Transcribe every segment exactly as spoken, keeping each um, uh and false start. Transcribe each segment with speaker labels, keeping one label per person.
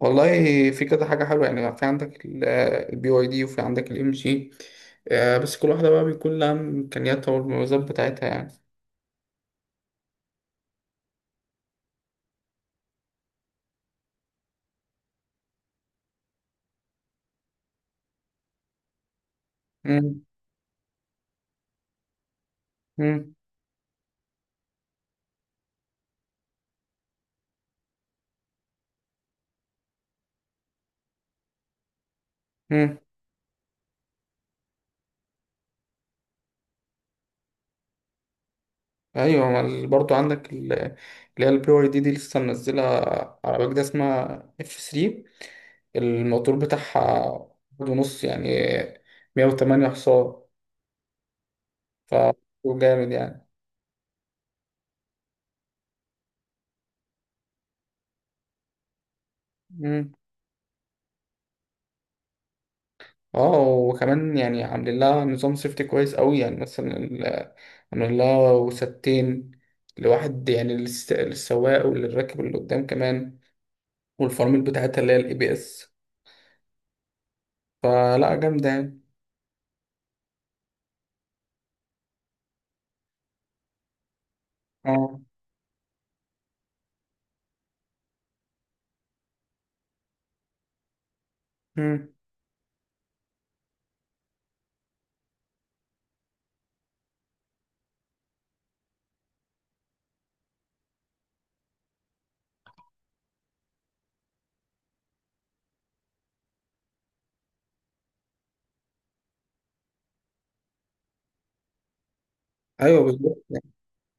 Speaker 1: والله في كذا حاجة حلوة يعني في عندك البي واي دي وفي عندك الام جي. بس كل واحدة بقى بيكون لها إمكانياتها والمميزات بتاعتها يعني. مم. مم. مم. أيوة، ما ال- برضو عندك ال- اللي هي البي واي دي دي لسه منزلة عربية جديدة اسمها اف ثلاثة. الموتور بتاعها واحد ونص يعني مية وتمانية حصان. ف جامد يعني. مم. اه، وكمان يعني عاملين لها نظام سيفتي كويس قوي، يعني مثلا انا لا وستين لواحد، يعني للس- للسواق وللراكب اللي قدام كمان، والفرامل بتاعتها اللي هي الاي بي اس، فلا جامده يعني. اه. مم. ايوه، بالظبط يعني.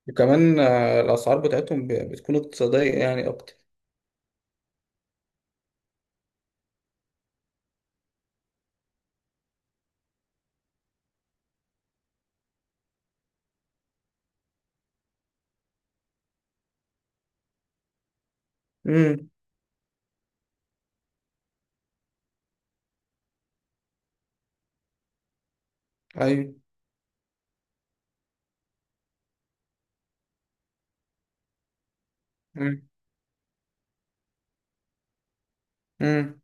Speaker 1: وكمان آه، الاسعار بتاعتهم ب- بتكون اقتصاديه يعني اكتر. امم ايوه. امم امم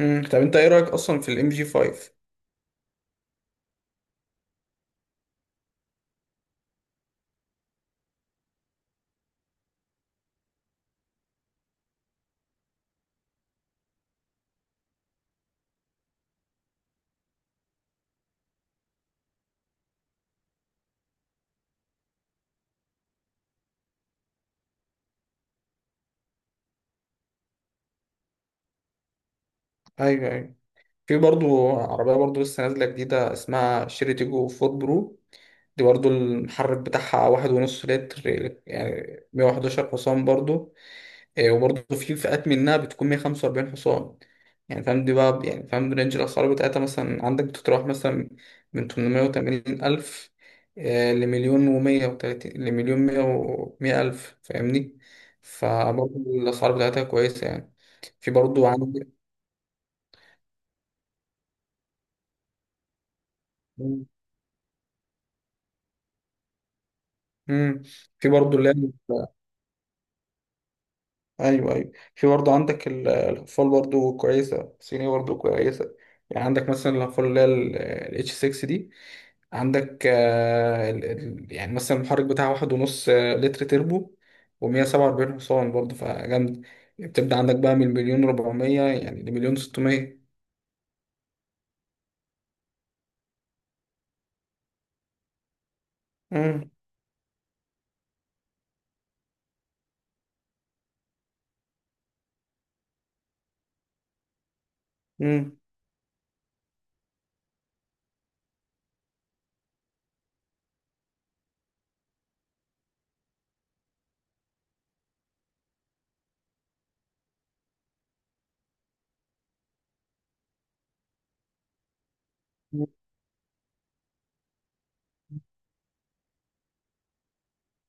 Speaker 1: امم طب انت ايه رايك اصلا في الام جي خمسة؟ ايوه، ايوه. في برضو عربية برضو لسه نازلة جديدة اسمها شيري تيجو فورد برو. دي برضو المحرك بتاعها واحد ونص لتر يعني مية وحداشر حصان برضو. إيه، وبرضو في فئات منها بتكون مية وخمسة وأربعين حصان. يعني فاهم دي بقى، يعني فاهم رينج الأسعار بتاعتها. مثلا عندك بتتراوح مثلا من ثمانمائة وثمانين ألف إيه، لمليون ومية وتلاتين، لمليون مية ومية ألف، فاهمني. فبرضو الأسعار بتاعتها كويسة يعني. في برضو عندك. مم. في برضو اللي هي. ايوه، ايوه. في برضه عندك ال- الاقفال برضه كويسه، صيني برضه كويسه. يعني عندك مثلا الاقفال اللي هي الاتش ستة دي. عندك آه، ال- ال- يعني مثلا المحرك بتاعها واحد ونص آه، لتر تربو، ومية سبعة وأربعين حصان برضه فجامد. بتبدأ عندك بقى من مليون ربعمية يعني لمليون ستمية. مم، مم.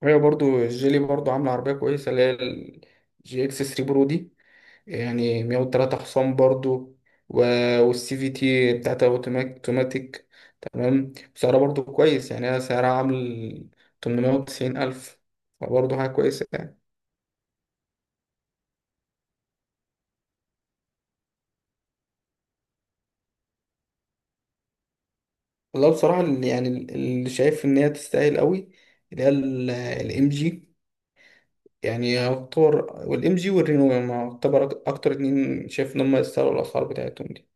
Speaker 1: هي برضه الجيلي برضه عاملة عربية كويسة اللي هي الجي اكس ثلاثة برو دي يعني مائة وثلاثة حصان برضو. و... والسي في تي بتاعتها اوتوماتيك تمام. سعرها برضو كويس يعني، هي سعرها عامل تمنمية وتسعين ألف، فبرضه حاجة كويسة يعني. والله بصراحة، اللي- يعني ال- اللي شايف إن هي تستاهل قوي، اللي هي الإم جي. يعني يعتبر والإم جي والرينو يعني يعتبر أك- أكتر اتنين شايف إن هم يستاهلوا الأسعار بتاعتهم دي.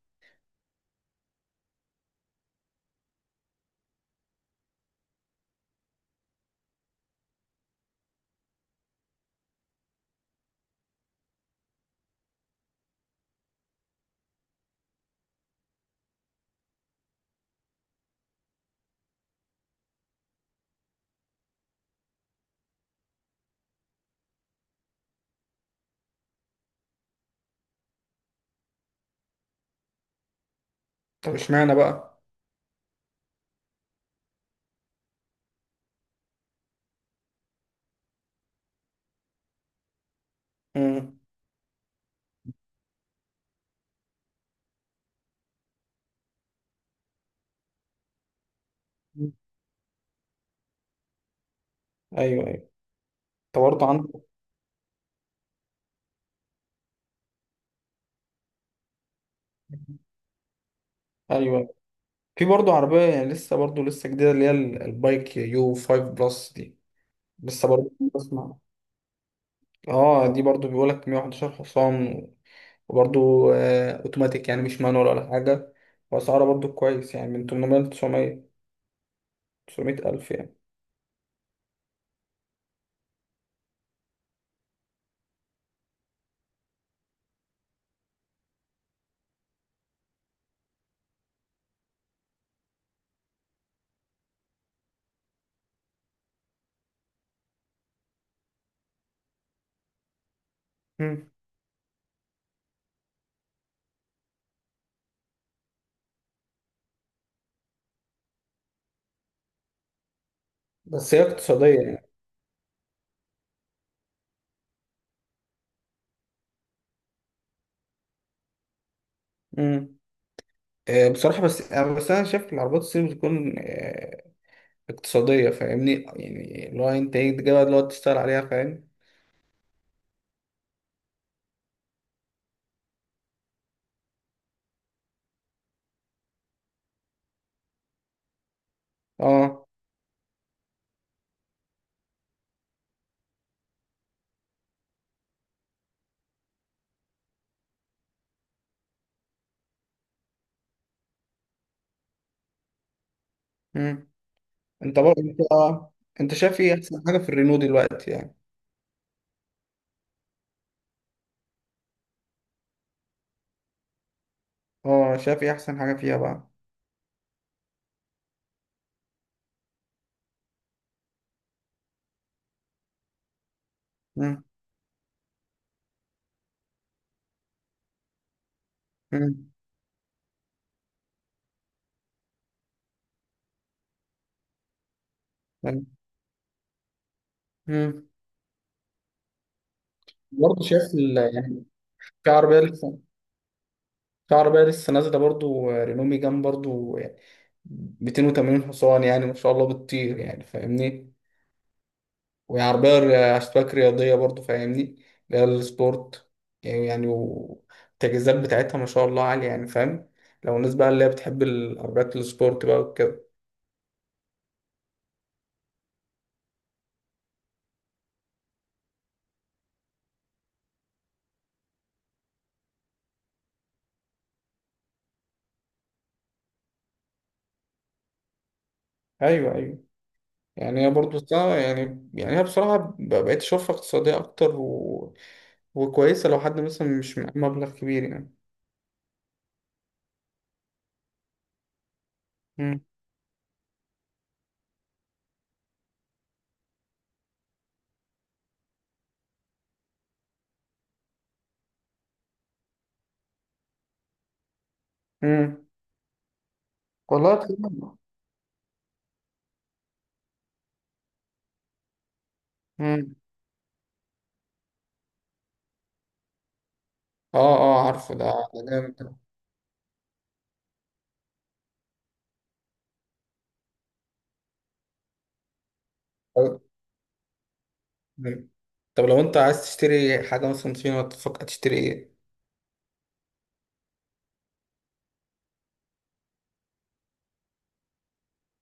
Speaker 1: طب اشمعنى بقى؟ مم. أيوه، أيوه. أنت برضه عندك. أيوه. في برضه عربية يعني لسه برضه لسه جديدة اللي هي ال- البايك يو خمسة بلس دي، لسه برضه بسمع. اه دي برضه بيقولك مية وحداشر حصان. وبرضه آه اوتوماتيك، يعني مش مانوال ولا حاجة. وأسعارها برضه كويس يعني من ثمانمائة ل تسعمائة، تسعمائة ألف يعني. مم. بس هي اقتصادية يعني. مم. آه بصراحة بس آه بس أنا شايف العربيات الصيني بتكون آه اقتصادية. فاهمني، يعني اللي هو أنت إيه تجيبها، اللي هو تشتغل عليها فاهم. اه. انت بقى انت انت، شايف ايه احسن حاجه في الرينو دلوقتي يعني؟ اه شايف ايه احسن حاجه فيها بقى؟ مم. مم. مم. برضه شايف ال... يعني في عربيه لسه في عربيه لسه نازله برضه، آه، رينو ميجان برضه يعني مائتين وثمانين حصان، يعني ما شاء الله بتطير يعني فاهمني. وهي عربيه ر- اشتباك رياضيه برضه فاهمني، اللي هي السبورت. يعني يعني والتجهيزات بتاعتها ما شاء الله عاليه يعني فاهم. لو الناس بقى اللي هي بتحب العربيات السبورت بقى وكده. ايوه، ايوه. يعني هي برضه صعبة يعني. يعني هي بصراحة ب- بقيت أشوفها اقتصادية أكتر و... وكويسة لو حد مثلا مش معاه مبلغ كبير يعني. مم. مم. والله تمام. مم. اه، اه، عارفه ده. ده جامد ده. طب. مم. طب لو أنت عايز تشتري حاجة مثلا صينية تفكر تشتري إيه؟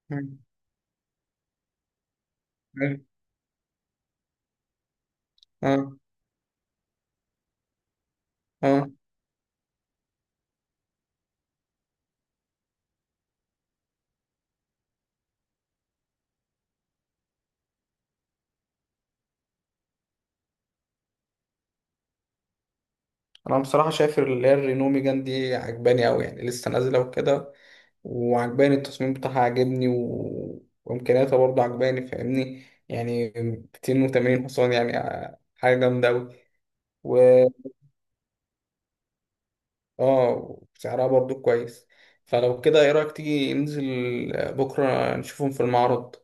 Speaker 1: مم. مم. اه، اه، أنا بصراحة شايف اللي هي الرينو ميجان دي عجباني أوي، يعني لسه نازلة وكده. وعجباني التصميم بتاعها عاجبني و... وامكانياتها برضه عجباني فاهمني، يعني مائتين وثمانين حصان يعني آه، حاجه جامده قوي. و اه سعرها برضه كويس. فلو كده، ايه رايك تيجي ننزل بكره نشوفهم في المعرض؟